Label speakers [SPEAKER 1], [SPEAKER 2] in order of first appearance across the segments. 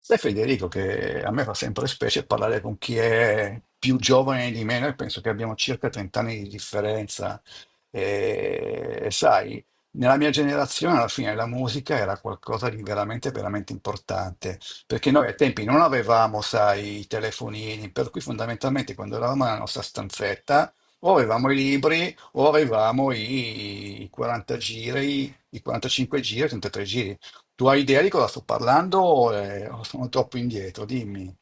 [SPEAKER 1] Sai Federico che a me fa sempre specie parlare con chi è più giovane di me, noi penso che abbiamo circa 30 anni di differenza e sai, nella mia generazione alla fine la musica era qualcosa di veramente, veramente importante, perché noi ai tempi non avevamo, sai, i telefonini, per cui fondamentalmente quando eravamo nella nostra stanzetta o avevamo i libri o avevamo i 40 giri, i 45 giri, i 33 giri. Tu hai idea di cosa sto parlando? O o sono troppo indietro? Dimmi.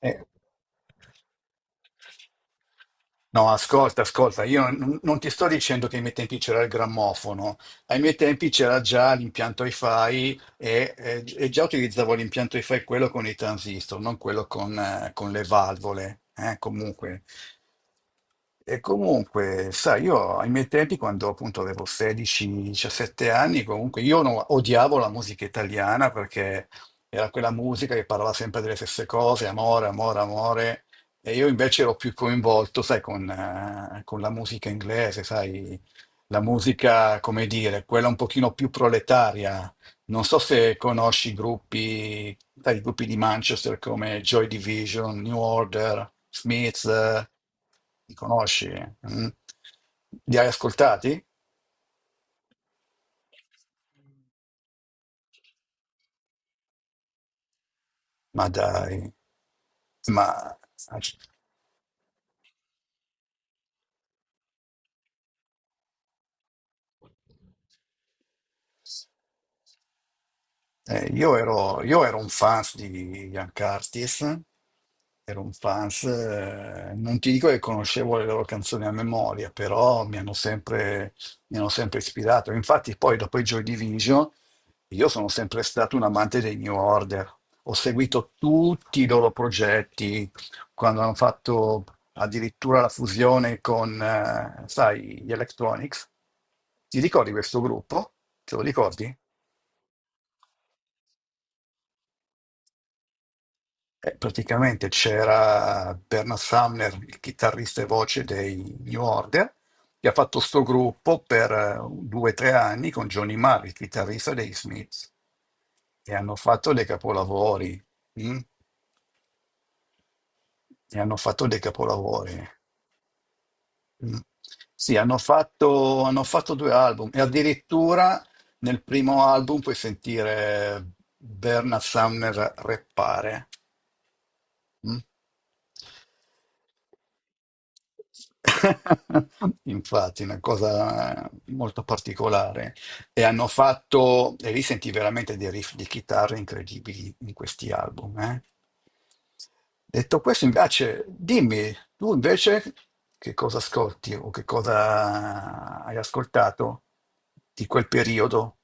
[SPEAKER 1] Eh, No, ascolta, ascolta, io non, non ti sto dicendo che ai miei tempi c'era il grammofono, ai miei tempi c'era già l'impianto hi-fi e già utilizzavo l'impianto hi-fi quello con i transistor, non quello con le valvole, comunque. E comunque, sai, io ai miei tempi, quando appunto avevo 16-17 anni, comunque io no- odiavo la musica italiana perché era quella musica che parlava sempre delle stesse cose, amore, amore, amore. E io invece ero più coinvolto, sai, con la musica inglese, sai, la musica, come dire, quella un pochino più proletaria. Non so se conosci i gruppi, sai, i gruppi di Manchester come Joy Division, New Order, Smiths, li conosci? Mm? Li hai ascoltati? Ma dai, ma io ero un fans di Ian Curtis, ero un fans, non ti dico che conoscevo le loro canzoni a memoria, però mi hanno sempre ispirato. Infatti poi dopo i Joy Division io sono sempre stato un amante dei New Order, ho seguito tutti i loro progetti, quando hanno fatto addirittura la fusione con, sai, gli Electronics. Ti ricordi questo gruppo? Te lo ricordi? Praticamente c'era Bernard Sumner, il chitarrista e voce dei New Order, che ha fatto sto gruppo per due o tre anni con Johnny Marr, il chitarrista dei Smiths, e hanno fatto dei capolavori. Mm? E hanno fatto dei capolavori. Mm. Sì, hanno fatto due album e addirittura nel primo album puoi sentire Bernard Sumner rappare. Mm? Infatti, una cosa molto particolare. E lì senti veramente dei riff di chitarra incredibili in questi album. Eh. Detto questo, invece, dimmi, tu invece che cosa ascolti o che cosa hai ascoltato di quel periodo?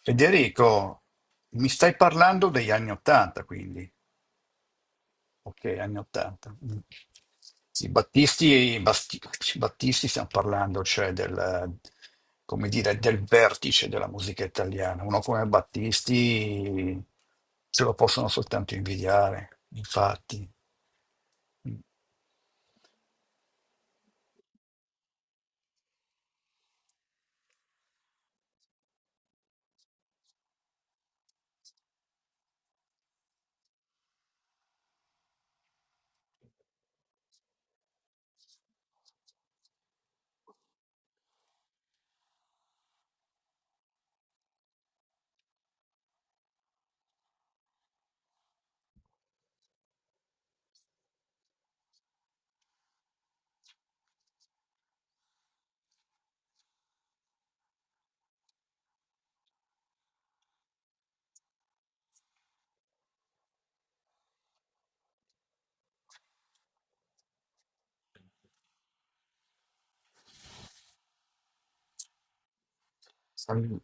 [SPEAKER 1] Federico, mi stai parlando degli anni Ottanta, quindi. Ok, anni 80. Mm. Sì, Battisti stiamo parlando, cioè del, come dire, del vertice della musica italiana. Uno come Battisti ce lo possono soltanto invidiare, infatti. Mm.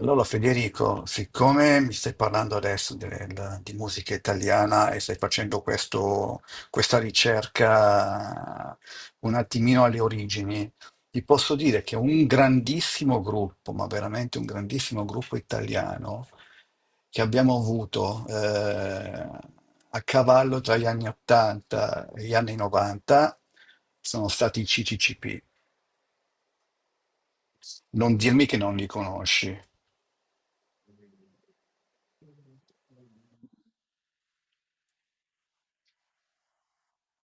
[SPEAKER 1] Allora Federico, siccome mi stai parlando adesso di musica italiana e stai facendo questa ricerca un attimino alle origini, ti posso dire che un grandissimo gruppo, ma veramente un grandissimo gruppo italiano che abbiamo avuto a cavallo tra gli anni 80 e gli anni 90 sono stati i CCCP. Non dirmi che non li conosci.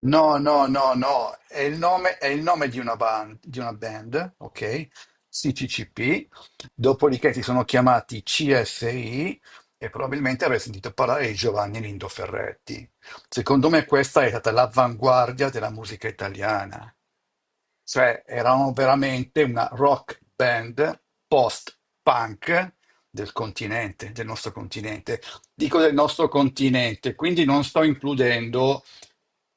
[SPEAKER 1] No, no, no, no, è il nome di una band, ok? CCCP, dopodiché si sono chiamati CSI e probabilmente avrei sentito parlare di Giovanni Lindo Ferretti. Secondo me questa è stata l'avanguardia della musica italiana, cioè erano veramente una rock band post-punk del continente, del nostro continente. Dico del nostro continente, quindi non sto includendo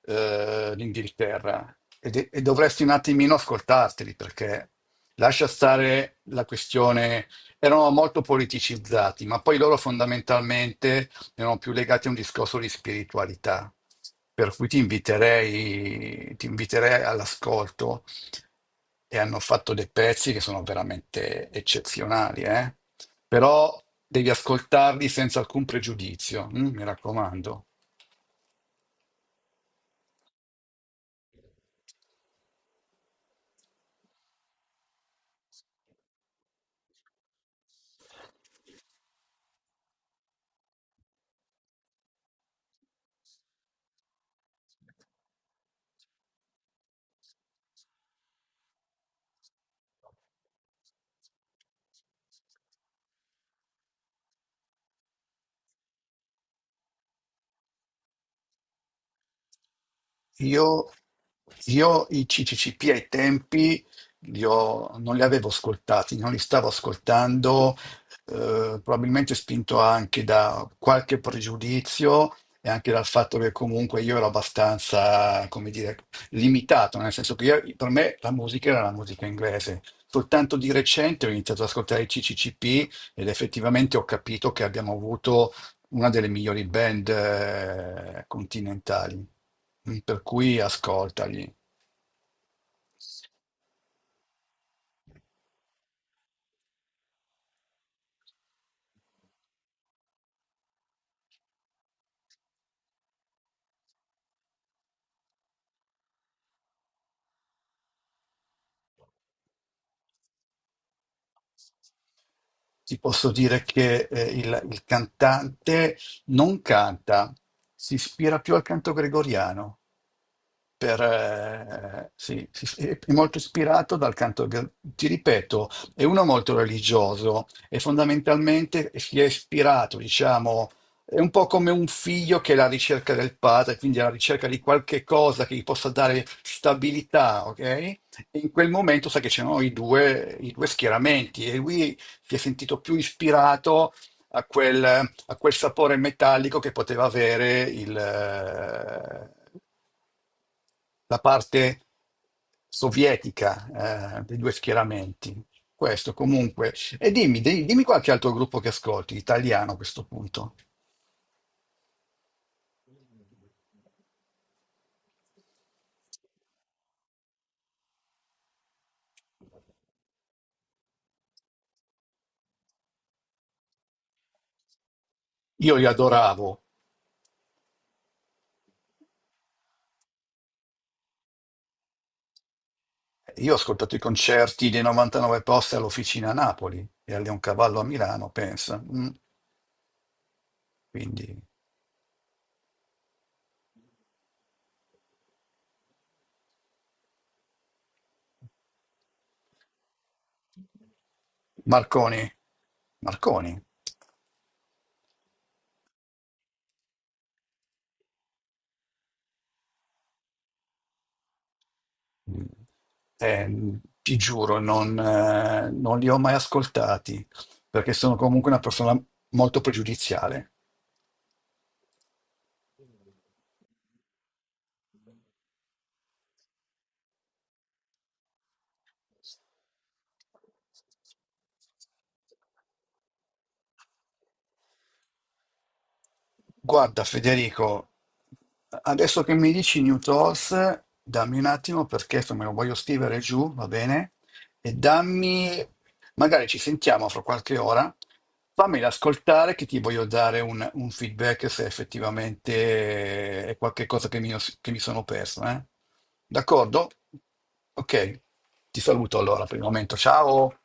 [SPEAKER 1] l'Inghilterra e dovresti un attimino ascoltarteli perché lascia stare la questione, erano molto politicizzati, ma poi loro fondamentalmente erano più legati a un discorso di spiritualità, per cui ti inviterei all'ascolto e hanno fatto dei pezzi che sono veramente eccezionali, eh? Però devi ascoltarli senza alcun pregiudizio, mm, mi raccomando. Io, io i CCCP ai tempi non li avevo ascoltati, non li stavo ascoltando, probabilmente spinto anche da qualche pregiudizio e anche dal fatto che comunque io ero abbastanza, come dire, limitato, nel senso che per me la musica era la musica inglese. Soltanto di recente ho iniziato ad ascoltare i CCCP ed effettivamente ho capito che abbiamo avuto una delle migliori band continentali, mm, per cui ascoltagli. Ti posso dire che il cantante non canta, si ispira più al canto gregoriano. Per, sì, sì, sì, è molto ispirato dal canto, ti ripeto, è uno molto religioso e fondamentalmente si è ispirato, diciamo, è un po' come un figlio che è alla ricerca del padre, quindi alla ricerca di qualche cosa che gli possa dare stabilità, ok? E in quel momento sa che c'erano i due schieramenti e lui si è sentito più ispirato a a quel sapore metallico che poteva avere la parte sovietica dei due schieramenti. Questo comunque. E dimmi, dimmi qualche altro gruppo che ascolti, italiano a questo punto. Io li adoravo. Io ho ascoltato i concerti dei 99 posti all'Officina a Napoli e a Cavallo a Milano, pensa. Mm, quindi Marconi, Marconi. Mm. Ti giuro, non li ho mai ascoltati perché sono comunque una persona molto pregiudiziale. Guarda Federico, adesso che mi dici New Thoughts, dammi un attimo perché se me lo voglio scrivere giù, va bene? E dammi, magari ci sentiamo fra qualche ora, fammela ascoltare che ti voglio dare un feedback se effettivamente è qualcosa che mi sono perso, eh? D'accordo? Ok, ti saluto allora per il momento, ciao!